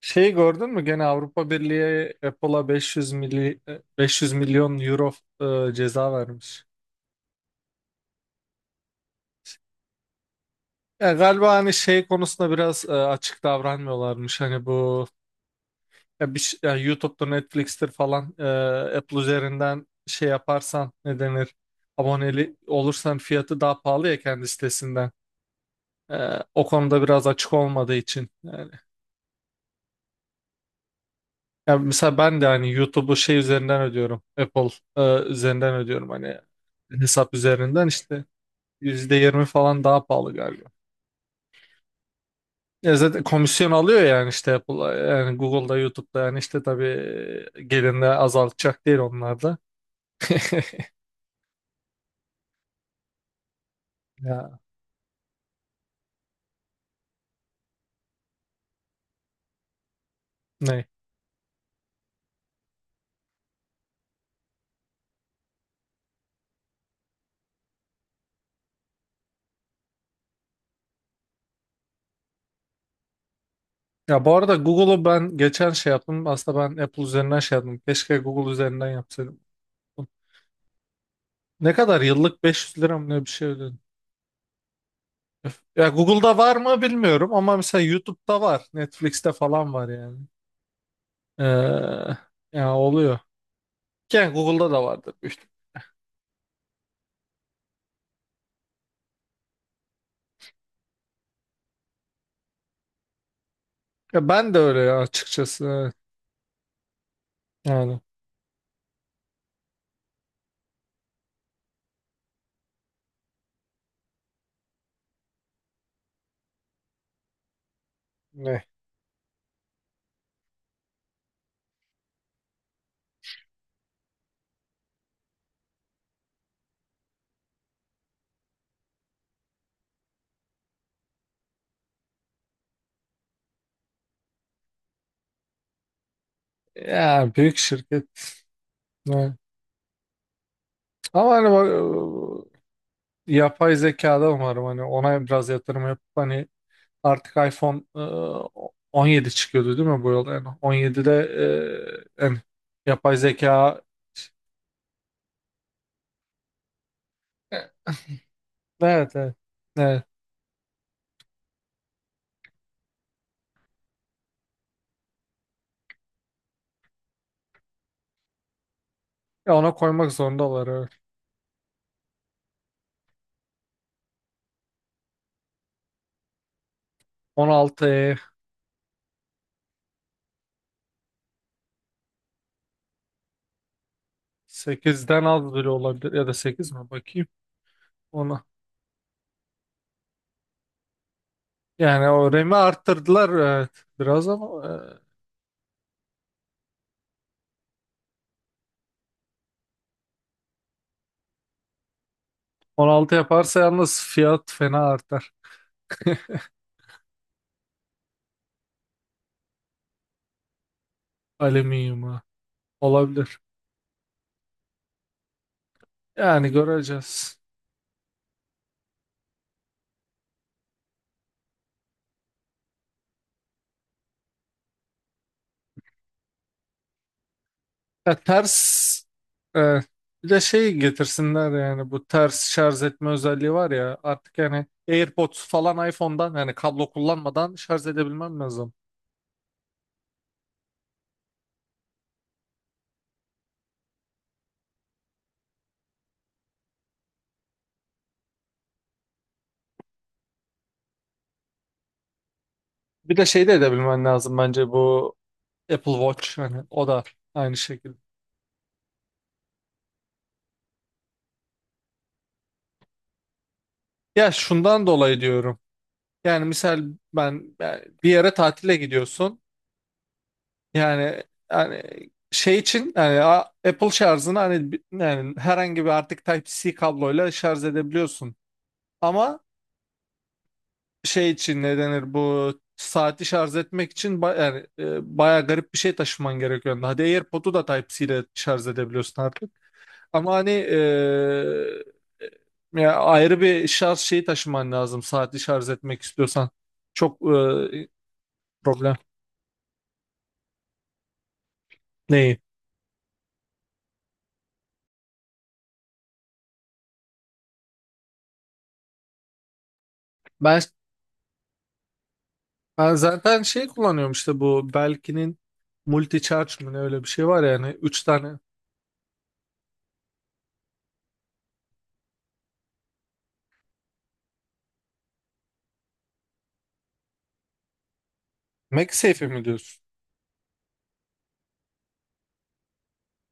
Şeyi gördün mü? Gene Avrupa Birliği Apple'a 500 mili, 500 milyon euro ceza vermiş. Ya galiba hani şey konusunda biraz açık davranmıyorlarmış. Hani bu ya bir, ya YouTube'dur, Netflix'tir falan Apple üzerinden şey yaparsan ne denir? Aboneli olursan fiyatı daha pahalı ya kendi sitesinden. E, O konuda biraz açık olmadığı için. Yani ya mesela ben de hani YouTube'u şey üzerinden ödüyorum. Apple üzerinden ödüyorum, hani hesap üzerinden işte %20 falan daha pahalı galiba. Ya zaten komisyon alıyor yani işte Apple, yani Google'da, YouTube'da yani işte tabii gelinde azaltacak değil onlar da. Ya ne? Ya bu arada Google'u ben geçen şey yaptım. Aslında ben Apple üzerinden şey yaptım. Keşke Google üzerinden yapsaydım. Ne kadar yıllık 500 lira mı ne bir şey ödedim. Ya Google'da var mı bilmiyorum ama mesela YouTube'da var. Netflix'te falan var yani. Ee, ya oluyor. Yani Google'da da vardır, büyük ihtimal. Ya ben de öyle ya, açıkçası. Evet. Yani ne? Ya büyük şirket. Evet. Ama hani bak, yapay zekada umarım hani ona biraz yatırım yapıp hani artık iPhone 17 çıkıyordu değil mi bu yıl? Yani 17'de yani yapay zeka. Evet, evet. Evet. Ya ona koymak zorundalar. Evet. 16 8'den az bile olabilir ya da 8 mi, bakayım ona. Yani o RAM'i arttırdılar evet, biraz ama 16 yaparsa yalnız fiyat fena artar. Alüminyuma olabilir. Yani göreceğiz. Ya ters, e, bir de şey getirsinler yani bu ters şarj etme özelliği var ya artık, yani AirPods falan iPhone'dan yani kablo kullanmadan şarj edebilmem lazım. Bir de şey de edebilmen lazım bence, bu Apple Watch hani o da aynı şekilde. Ya şundan dolayı diyorum. Yani misal ben, yani bir yere tatile gidiyorsun. Yani yani şey için yani Apple şarjını hani yani herhangi bir artık Type-C kabloyla şarj edebiliyorsun. Ama şey için ne denir, bu saati şarj etmek için ba yani bayağı garip bir şey taşıman gerekiyor. Hadi AirPod'u da Type-C ile şarj edebiliyorsun artık. Ama ya ayrı bir şarj şeyi taşıman lazım saatli şarj etmek istiyorsan. Çok problem. Neyi? Ben, ben zaten şey kullanıyorum işte, bu Belkin'in multi charge mı ne, öyle bir şey var yani. Üç tane. MagSafe'i mi diyorsun?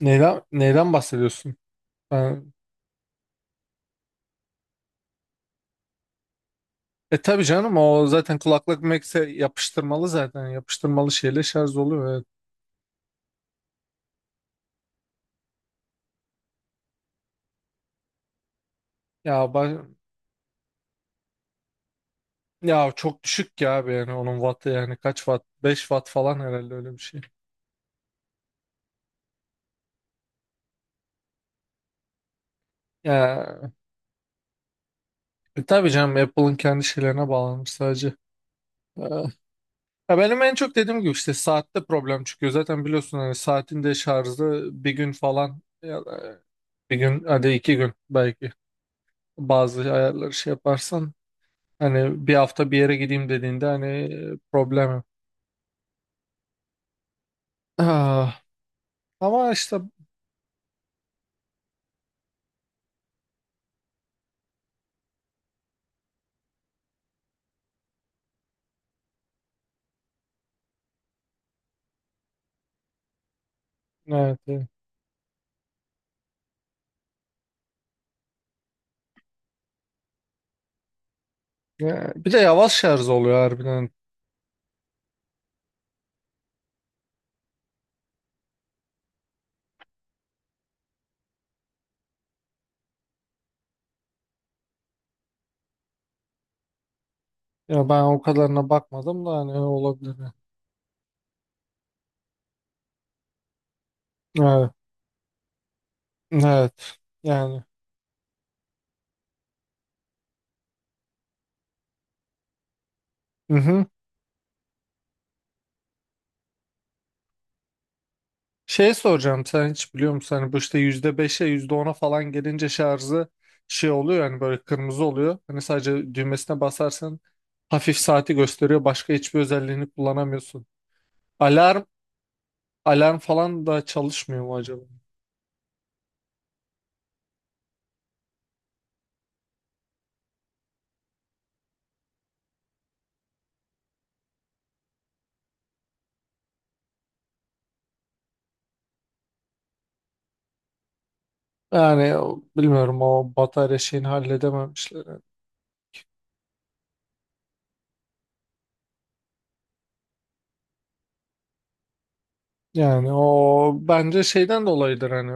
Neyden, neyden bahsediyorsun? Ben- e tabii canım, o zaten kulaklık MagSafe yapıştırmalı zaten. Yapıştırmalı şeyle şarj oluyor. Evet. Ya ben, ya çok düşük ya abi, yani onun wattı yani kaç watt? Beş watt falan herhalde, öyle bir şey. Ya tabii canım, Apple'ın kendi şeylerine bağlanmış sadece. Ee, Ya benim en çok dediğim gibi işte saatte problem çıkıyor. Zaten biliyorsun hani saatin de şarjı bir gün falan ya da bir gün, hadi iki gün belki, bazı ayarları şey yaparsan, hani bir hafta bir yere gideyim dediğinde hani problem. Yok. Ah, ama işte evet, evet. Ya, bir de yavaş şarj oluyor harbiden. Ya ben o kadarına bakmadım da hani olabilir. Evet. Evet. Yani. Hı hı. Şey soracağım, sen hiç biliyor musun hani bu işte yüzde beşe, yüzde ona falan gelince şarjı şey oluyor yani böyle kırmızı oluyor. Hani sadece düğmesine basarsan hafif saati gösteriyor, başka hiçbir özelliğini kullanamıyorsun. Alarm alarm falan da çalışmıyor mu acaba? Yani o, bilmiyorum, o batarya şeyini halledememişler. Yani o bence şeyden dolayıdır hani,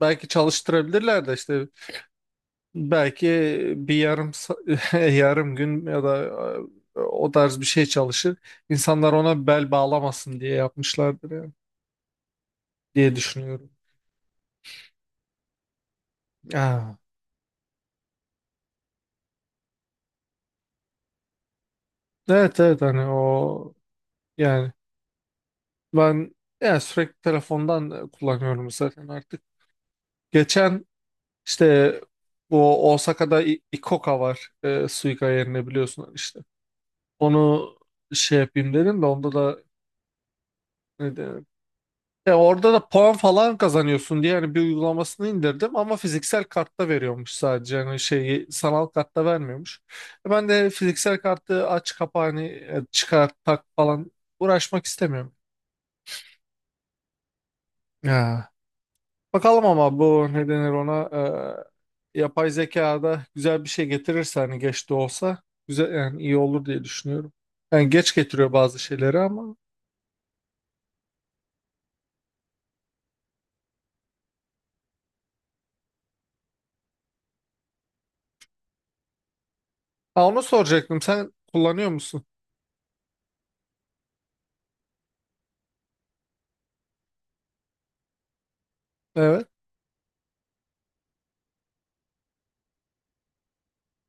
belki çalıştırabilirler de işte. Belki bir yarım gün ya da o tarz bir şey çalışır. İnsanlar ona bel bağlamasın diye yapmışlardır yani diye düşünüyorum. Ha. Evet evet hani o, yani ben yani sürekli telefondan kullanıyorum zaten artık. Geçen işte bu Osaka'da Ikoka var Suica yerine, biliyorsun işte. Onu şey yapayım dedim de onda da ya orada da puan falan kazanıyorsun diye hani bir uygulamasını indirdim ama fiziksel kartta veriyormuş sadece, hani şeyi sanal kartta vermiyormuş. E ben de fiziksel kartı aç kapa hani çıkar tak falan uğraşmak istemiyorum. Ya. Bakalım ama bu ne denir ona, yapay zekada güzel bir şey getirirse hani geç de olsa, güzel yani, iyi olur diye düşünüyorum. Yani geç getiriyor bazı şeyleri ama. Ha, onu soracaktım, sen kullanıyor musun? Evet.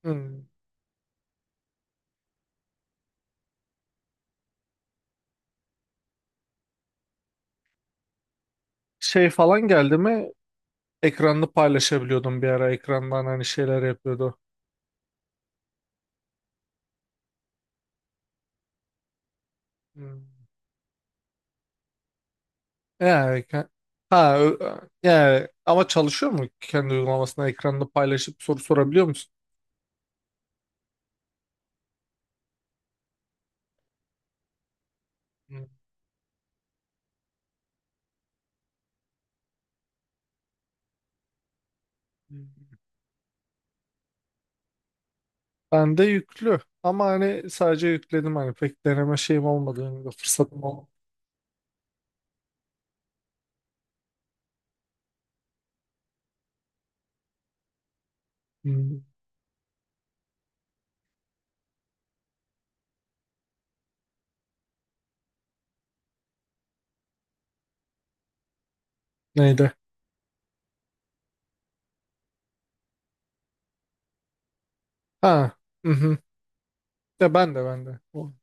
Hmm. Şey falan geldi mi? Ekranını paylaşabiliyordum bir ara. Ekrandan hani şeyler yapıyordu. Hmm. Yani, ha, yani ama çalışıyor mu, kendi uygulamasına ekranını paylaşıp soru sorabiliyor musun? Hmm. Ben de yüklü ama hani sadece yükledim, hani pek deneme şeyim olmadı yani, de fırsatım olmadı. Hmm. Neydi? Ha. Mhm. Ya ben de, ben de. O,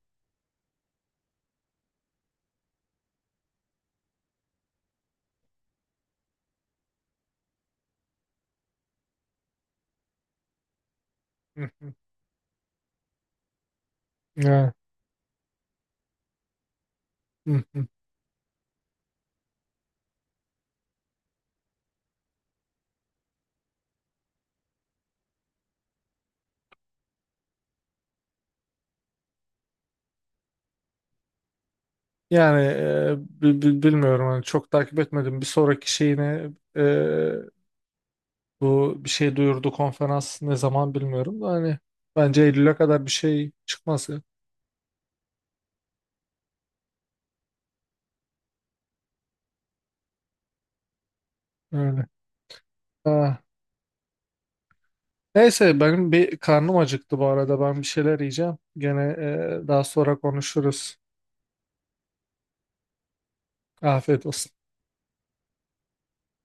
mhm. Ya, mhm. Yani bilmiyorum hani, çok takip etmedim. Bir sonraki şeyine e, bu bir şey duyurdu, konferans ne zaman bilmiyorum da hani bence Eylül'e kadar bir şey çıkmaz ya. Öyle. Ha. Neyse benim bir karnım acıktı bu arada, ben bir şeyler yiyeceğim. Gene daha sonra konuşuruz. Afiyet olsun.